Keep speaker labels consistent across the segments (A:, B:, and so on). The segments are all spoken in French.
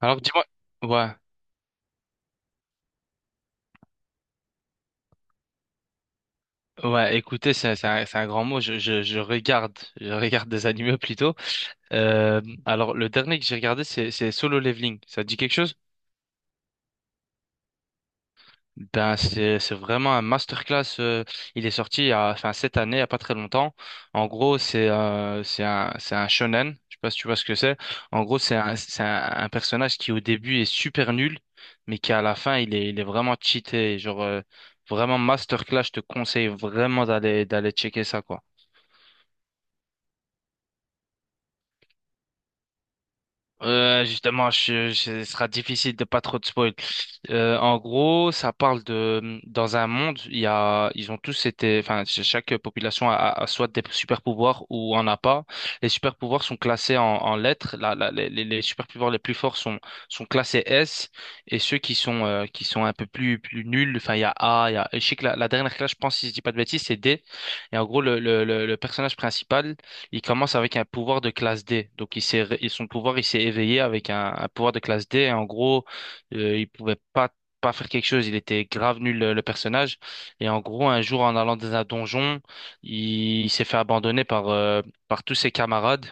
A: Alors dis-moi, ouais, ouais, écoutez, c'est un grand mot. Je regarde des animés plutôt. Euh, alors le dernier que j'ai regardé, c'est Solo Leveling. Ça te dit quelque chose? Ben c'est vraiment un masterclass. Il est sorti il y a, enfin cette année, il y a pas très longtemps. En gros, c'est c'est un shonen. Je sais pas si tu vois ce que c'est. En gros, c'est un personnage qui au début est super nul, mais qui à la fin il est vraiment cheaté. Genre vraiment masterclass. Je te conseille vraiment d'aller checker ça quoi. Justement, ce sera difficile de pas trop de spoil. En gros, ça parle de dans un monde, il y a, ils ont tous été, enfin, chaque population a soit des super pouvoirs ou en a pas. Les super pouvoirs sont classés en lettres. Les super pouvoirs les plus forts sont classés S et ceux qui sont un peu plus nuls. Enfin, il y a A, il y a. Je sais que la dernière classe, je pense, si je dis pas de bêtises, c'est D. Et en gros, le personnage principal. Il commence avec un pouvoir de classe D. Donc, et son pouvoir, il s'est éveillé avec un pouvoir de classe D. Et en gros, il pouvait pas faire quelque chose. Il était grave nul, le personnage. Et en gros, un jour, en allant dans un donjon, il s'est fait abandonner par tous ses camarades.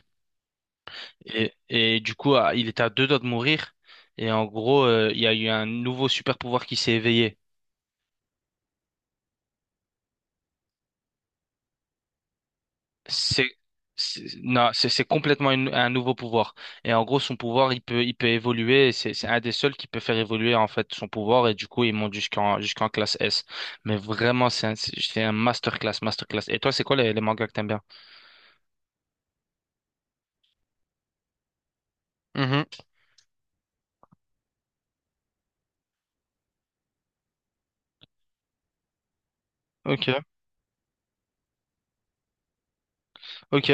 A: Et du coup, il était à deux doigts de mourir. Et en gros, il y a eu un nouveau super pouvoir qui s'est éveillé. C'est non, c'est complètement un nouveau pouvoir. Et en gros, son pouvoir, il peut évoluer. Et c'est un des seuls qui peut faire évoluer en fait son pouvoir. Et du coup, il monte jusqu'en classe S. Mais vraiment, c'est un masterclass, masterclass. Et toi, c'est quoi les mangas que t'aimes bien? Mhm. Ok, ok.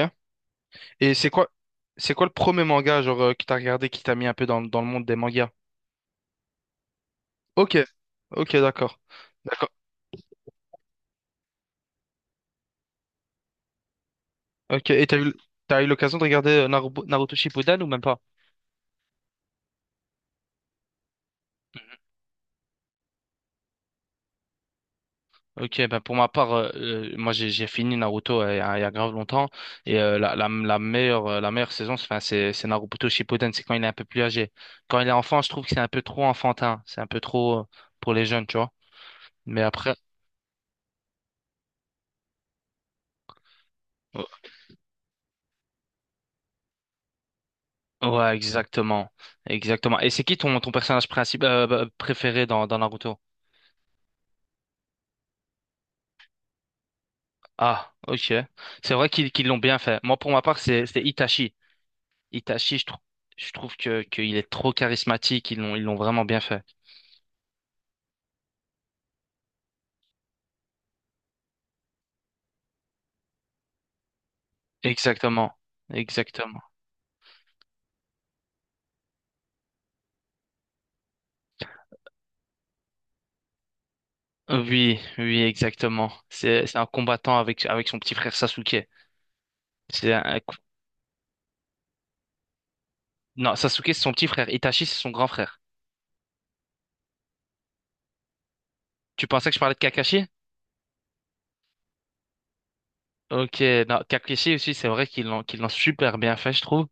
A: Et c'est quoi le premier manga genre que t'as regardé qui t'a mis un peu dans le monde des mangas? Ok, ok, d'accord, d'accord. Ok. Et t'as eu l'occasion de regarder Naruto Shippuden ou même pas? Ok, ben pour ma part, moi j'ai fini Naruto il y a grave longtemps et la meilleure la meilleure saison, enfin c'est Naruto Shippuden, c'est quand il est un peu plus âgé. Quand il est enfant, je trouve que c'est un peu trop enfantin, c'est un peu trop pour les jeunes, tu vois. Mais après, ouais, exactement, exactement. Et c'est qui ton personnage principal bah, préféré dans Naruto? Ah, ok. C'est vrai qu'ils l'ont bien fait. Moi, pour ma part, c'est Itachi. Itachi, je trouve que qu'il est trop charismatique. Ils l'ont vraiment bien fait. Exactement, exactement. Oui, oui, exactement. C'est un combattant avec son petit frère Sasuke. C'est un- non, Sasuke c'est son petit frère, Itachi c'est son grand frère. Tu pensais que je parlais de Kakashi? Ok, non, Kakashi aussi c'est vrai qu'ils l'ont super bien fait je trouve,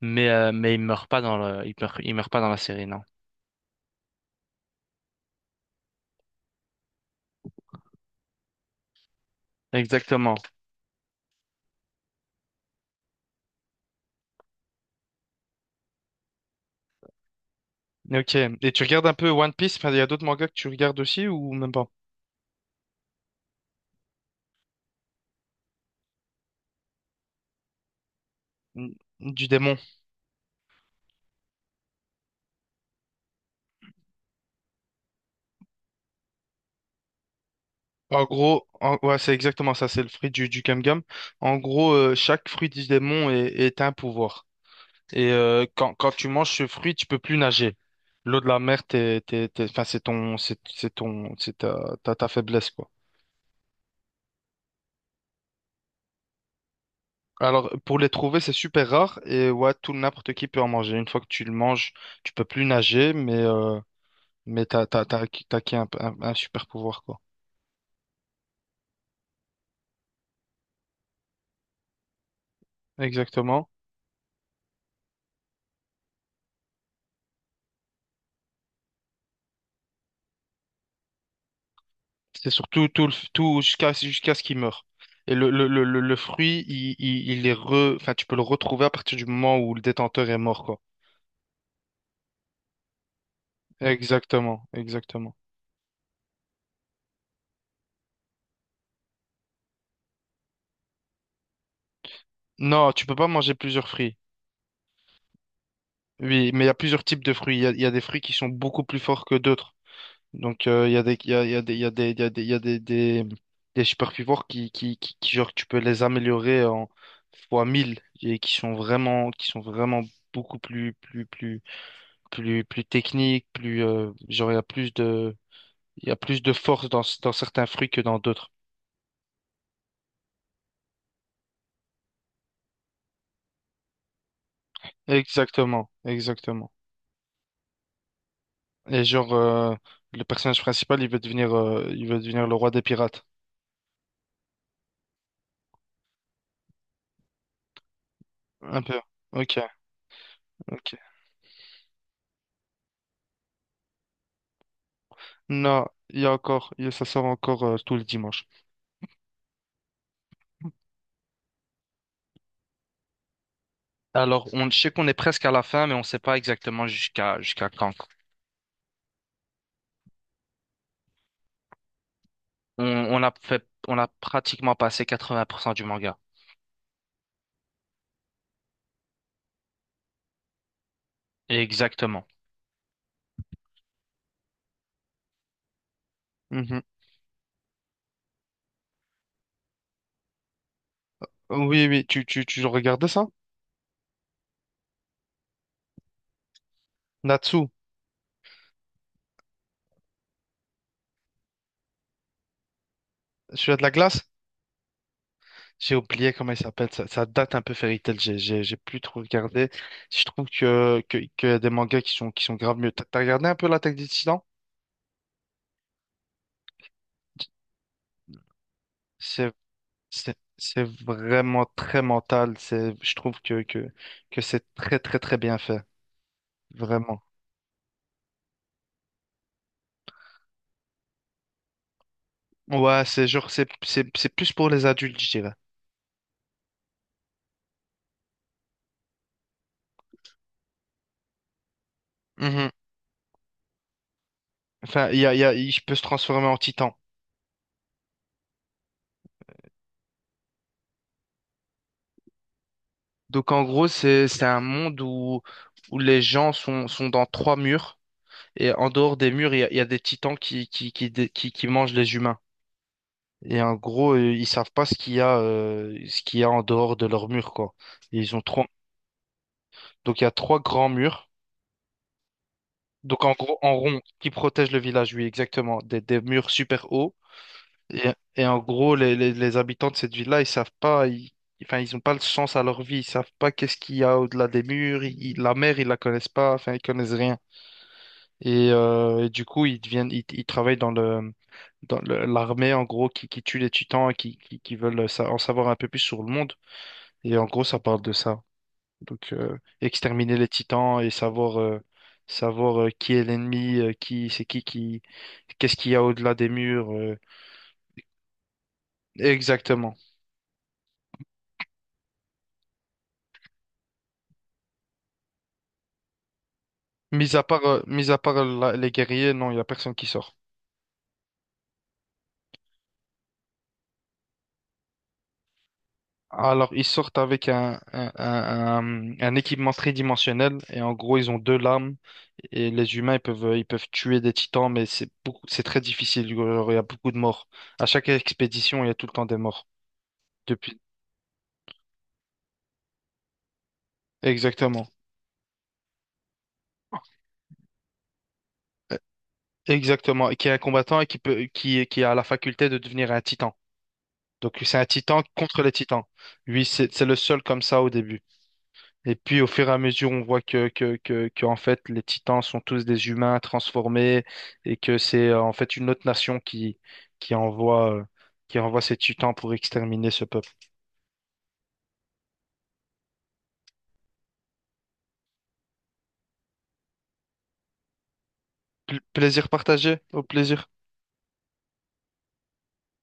A: mais mais il meurt pas dans le il meurt pas dans la série non. Exactement. Ok. Et tu regardes un peu One Piece? Enfin, il y a d'autres mangas que tu regardes aussi ou même pas? Du démon. En gros, ouais, c'est exactement ça, c'est le fruit du gum. En gros, chaque fruit du démon est un pouvoir. Et quand tu manges ce fruit, tu peux plus nager. L'eau de la mer, enfin, c'est ta, ta faiblesse, quoi. Alors, pour les trouver, c'est super rare et ouais, tout n'importe qui peut en manger. Une fois que tu le manges, tu peux plus nager, mais t'as acquis un super pouvoir, quoi. Exactement. C'est surtout tout, tout jusqu'à ce qu'il meure. Et le fruit, il enfin, tu peux le retrouver à partir du moment où le détenteur est mort, quoi. Exactement, exactement. Non, tu peux pas manger plusieurs fruits. Oui, mais il y a plusieurs types de fruits. Il y a des fruits qui sont beaucoup plus forts que d'autres. Donc, il y a des, il y a des, des superfivores qui, genre, tu peux les améliorer en fois 1000 et qui sont vraiment beaucoup plus technique, plus genre il y a plus de il y a plus de force dans certains fruits que dans d'autres. Exactement, exactement. Et genre le personnage principal, il veut devenir le roi des pirates. Un peu. OK, OK. Non, il y a encore il- ça sort encore tout le dimanche. Alors, on je sais qu'on est presque à la fin mais on ne sait pas exactement jusqu'à quand. On on a pratiquement passé 80% du manga. Exactement. Mhm. Oui, oui, tu regardais ça? Natsu. Celui-là de la glace, j'ai oublié comment il s'appelle. Ça date un peu Fairy Tail. J'ai plus trop regardé. Je trouve que y a des mangas qui sont grave mieux. T'as regardé un peu l'Attaque des Titans? C'est, c'est vraiment très mental. C'est, je trouve que c'est très, très, très bien fait. Vraiment. Ouais, c'est genre, c'est plus pour les adultes, je dirais. Mhm. Enfin, il peut se transformer en titan. Donc, en gros, c'est un monde où les gens sont dans trois murs. Et en dehors des murs, il y a des titans qui mangent les humains. Et en gros, ils savent pas ce qu'il y a en dehors de leurs murs, quoi. Et ils ont trois. Donc il y a trois grands murs. Donc en gros, en rond, qui protègent le village, oui, exactement. Des murs super hauts. Et, et en gros, les habitants de cette ville-là, ils savent pas. Enfin, ils ont pas le sens à leur vie. Ils savent pas qu'est-ce qu'il y a au-delà des murs. La mer, ils la connaissent pas. Enfin, ils connaissent rien. Et du coup, ils travaillent dans l'armée, en gros, qui tue les titans et qui veulent en savoir un peu plus sur le monde. Et en gros, ça parle de ça. Donc, exterminer les titans et savoir qui est l'ennemi, c'est qui, qu'est-ce qu'il y a au-delà des murs. Exactement. Mis à part les guerriers, non, il n'y a personne qui sort. Alors, ils sortent avec un équipement tridimensionnel et en gros, ils ont deux lames et les humains, ils peuvent tuer des titans, mais c'est beaucoup, c'est très difficile. Genre, il y a beaucoup de morts. À chaque expédition, il y a tout le temps des morts. Depuis... Exactement. Euh, Exactement. Et qui est un combattant et qui a la faculté de devenir un titan. Donc, c'est un titan contre les titans. Lui, c'est le seul comme ça au début. Et puis au fur et à mesure, on voit que en fait les Titans sont tous des humains transformés et que c'est en fait une autre nation qui envoie, euh, qui envoie ces Titans pour exterminer ce peuple. Plaisir partagé, au plaisir.